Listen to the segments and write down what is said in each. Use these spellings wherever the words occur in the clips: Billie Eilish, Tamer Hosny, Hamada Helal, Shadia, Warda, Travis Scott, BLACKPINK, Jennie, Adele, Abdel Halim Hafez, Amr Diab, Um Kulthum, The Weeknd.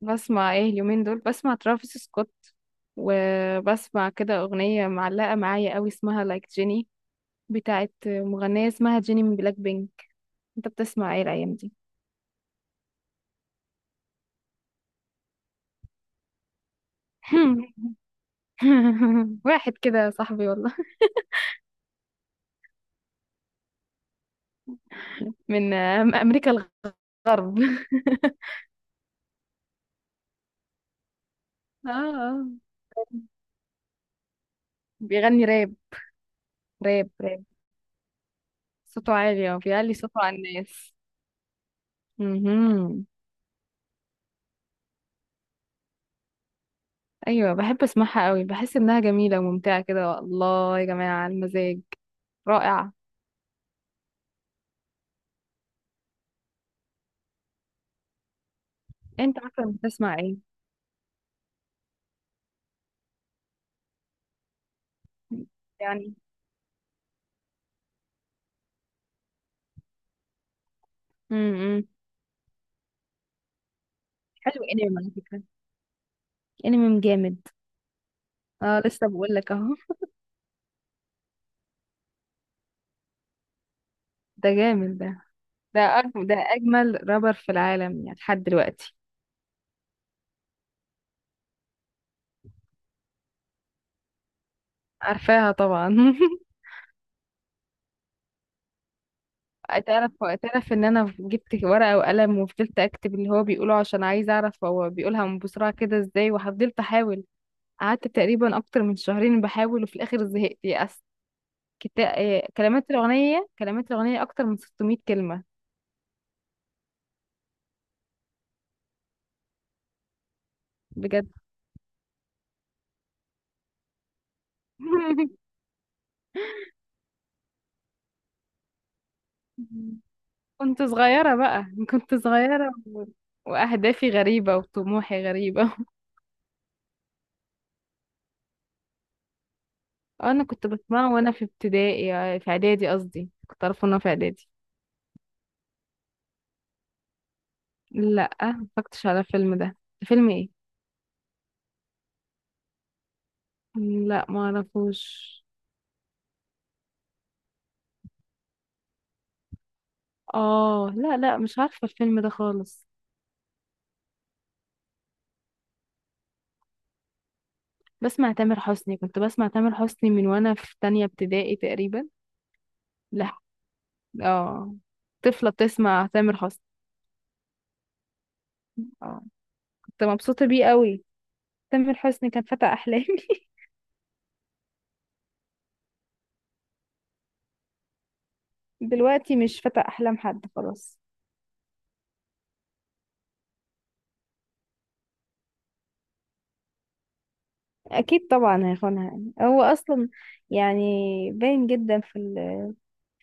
بسمع ايه اليومين دول؟ بسمع ترافيس سكوت، وبسمع كده اغنية معلقة معايا قوي اسمها لايك جيني، بتاعت مغنية اسمها جيني من بلاك بينك. انت بتسمع ايه الايام دي؟ واحد كده صاحبي والله. من امريكا، الغرب. اه، آه. بيغني راب، راب. صوته عالي، اه بيعلي صوته على الناس. مهم. ايوه بحب اسمعها قوي، بحس انها جميلة وممتعة كده، الله يا جماعة المزاج رائع. انت عارفه بتسمع ايه؟ يعني امم، حلو انمي على فكره، انمي جامد. اه لسه بقول لك اهو. ده جامد ده، ده أجمل، ده اجمل رابر في العالم يعني لحد دلوقتي. عارفاها طبعا. تعرف، تعرف ان انا جبت ورقه وقلم وفضلت اكتب اللي هو بيقوله عشان عايزه اعرف هو بيقولها من بسرعه كده ازاي، وفضلت احاول. قعدت تقريبا اكتر من شهرين بحاول، وفي الاخر زهقت، يأست. آه، كلمات الاغنيه اكتر من 600 كلمه. بجد. كنت صغيرة بقى، كنت صغيرة وأهدافي غريبة وطموحي غريبة. أنا كنت بسمعه وأنا في ابتدائي، آه، في إعدادي قصدي، كنت أعرفه وأنا في إعدادي. لأ مفكرتش على الفيلم ده. فيلم إيه؟ لأ معرفوش. آه، لأ مش عارفة الفيلم ده خالص. بسمع تامر حسني، كنت بسمع تامر حسني من وأنا في تانية ابتدائي تقريبا. لأ. آه. طفلة بتسمع تامر حسني. آه. كنت مبسوطة بيه قوي. تامر حسني كان فتى أحلامي. دلوقتي مش فتى احلام حد، خلاص. اكيد طبعا هيخونها، يعني هو اصلا، يعني باين جدا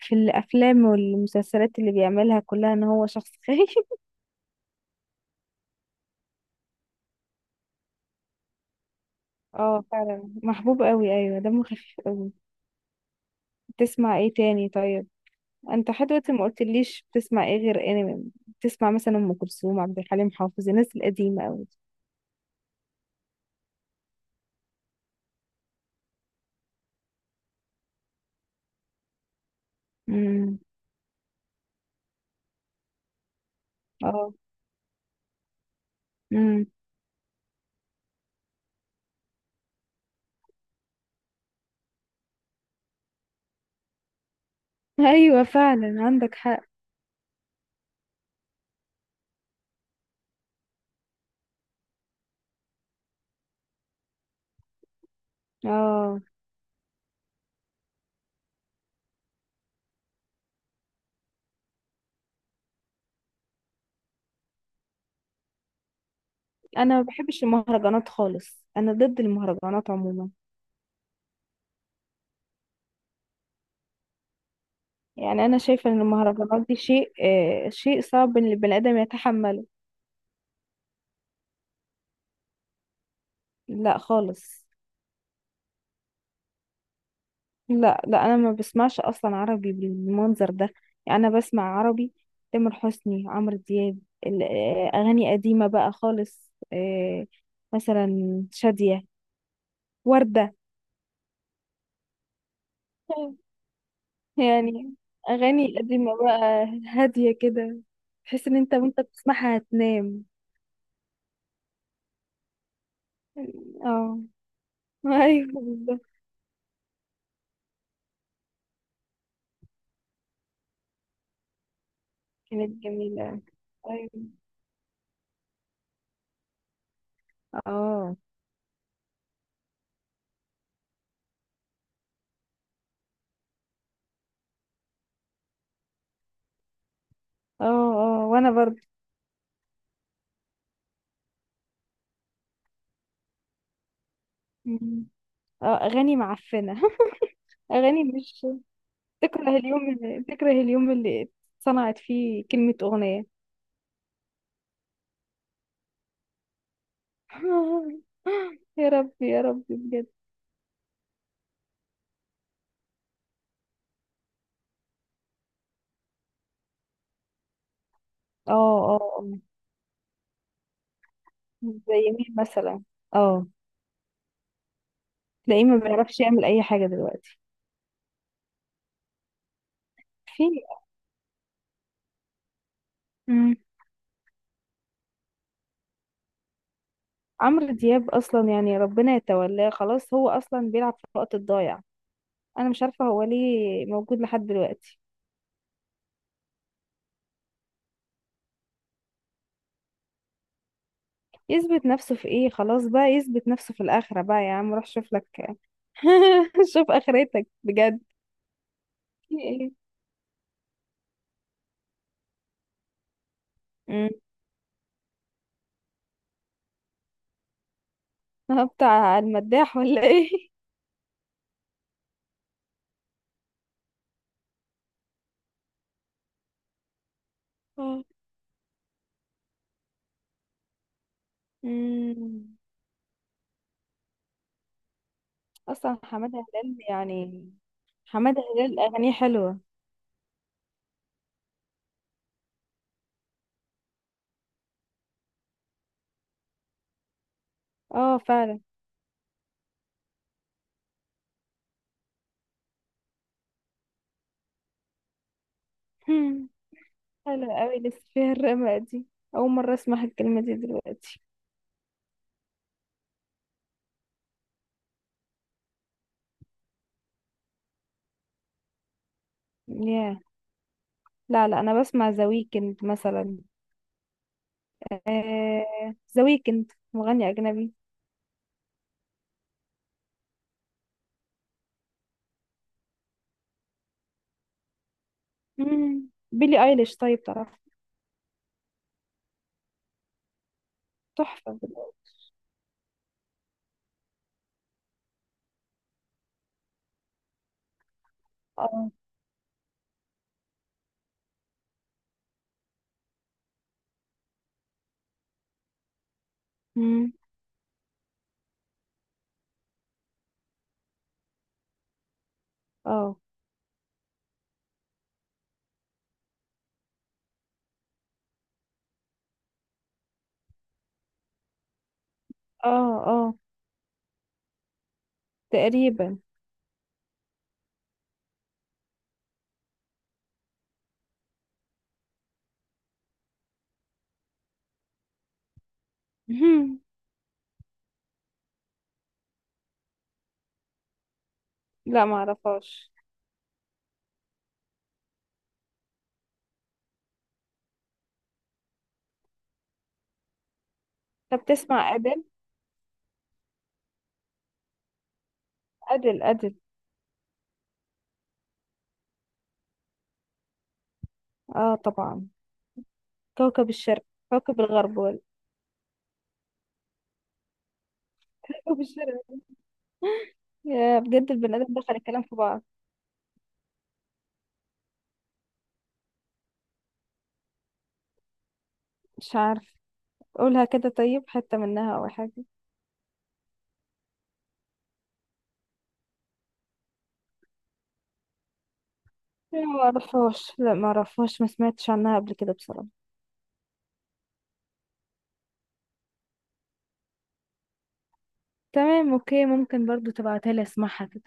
في الافلام والمسلسلات اللي بيعملها كلها ان هو شخص خايف. اه فعلا محبوب قوي، ايوه دمه خفيف قوي. بتسمع ايه تاني طيب؟ انت لحد دلوقتي ما قلتليش بتسمع ايه غير انمي، بتسمع مثلا ام كلثوم، عبد الحليم حافظ، الناس القديمه قوي دي. امم. اه. امم. ايوه فعلا عندك حق. اه انا ما بحبش المهرجانات خالص، انا ضد المهرجانات عموما. يعني انا شايفه ان المهرجانات دي شيء، آه شيء صعب ان البني ادم يتحمله. لا خالص. لا انا ما بسمعش اصلا عربي بالمنظر ده. يعني انا بسمع عربي، تامر حسني، عمرو دياب، آه، اغاني قديمه بقى خالص، آه، مثلا شاديه، ورده. يعني اغاني قديمه بقى، هاديه كده، تحس ان انت وانت بتسمعها هتنام. اه. ايوه بالظبط. كانت جميلة. ايوه. اه اه. اه وانا برضه. مم. اه اغاني معفنة. اغاني مش تكره اليوم اللي صنعت فيه كلمة اغنية. يا ربي يا ربي بجد. اه اه. اه زي مين مثلا؟ اه. تلاقيه ما بيعرفش يعمل اي حاجة دلوقتي. في، مم. عمرو دياب اصلا يعني ربنا يتولاه خلاص، هو اصلا بيلعب في الوقت الضايع. انا مش عارفة هو ليه موجود لحد دلوقتي. يثبت نفسه في ايه؟ خلاص بقى يثبت نفسه في الآخرة، بقى يا عم روح شوف لك. شوف آخرتك بجد. في ايه؟ امم. ها، بتاع المداح ولا ايه؟ امم. اصلا حمادة هلال يعني، حمادة هلال اغانيه حلوة. اه فعلا. هم، حلوة قوي لسه فيها الرمق دي، اول مرة اسمع الكلمة دي دلوقتي. ياه. لا انا بسمع ذا ويكند مثلا. آه ذا ويكند مغني اجنبي. مم. بيلي ايليش طيب تعرف؟ تحفة بال- اه. مم. اه اه. اه. تقريبا. مهم. لا ما اعرفهاش. طب تسمع ادل؟ ادل. اه طبعا. كوكب الشرق، كوكب الغرب ولا كوكب الشرق؟ يا بجد البني ادم دخل الكلام في بعض. مش عارف، قولها كده طيب، حتة منها او حاجة. لا ما اعرفهاش، ما سمعتش عنها قبل كده بصراحة. تمام اوكي، ممكن برضو تبعتها لي اسمعها كده.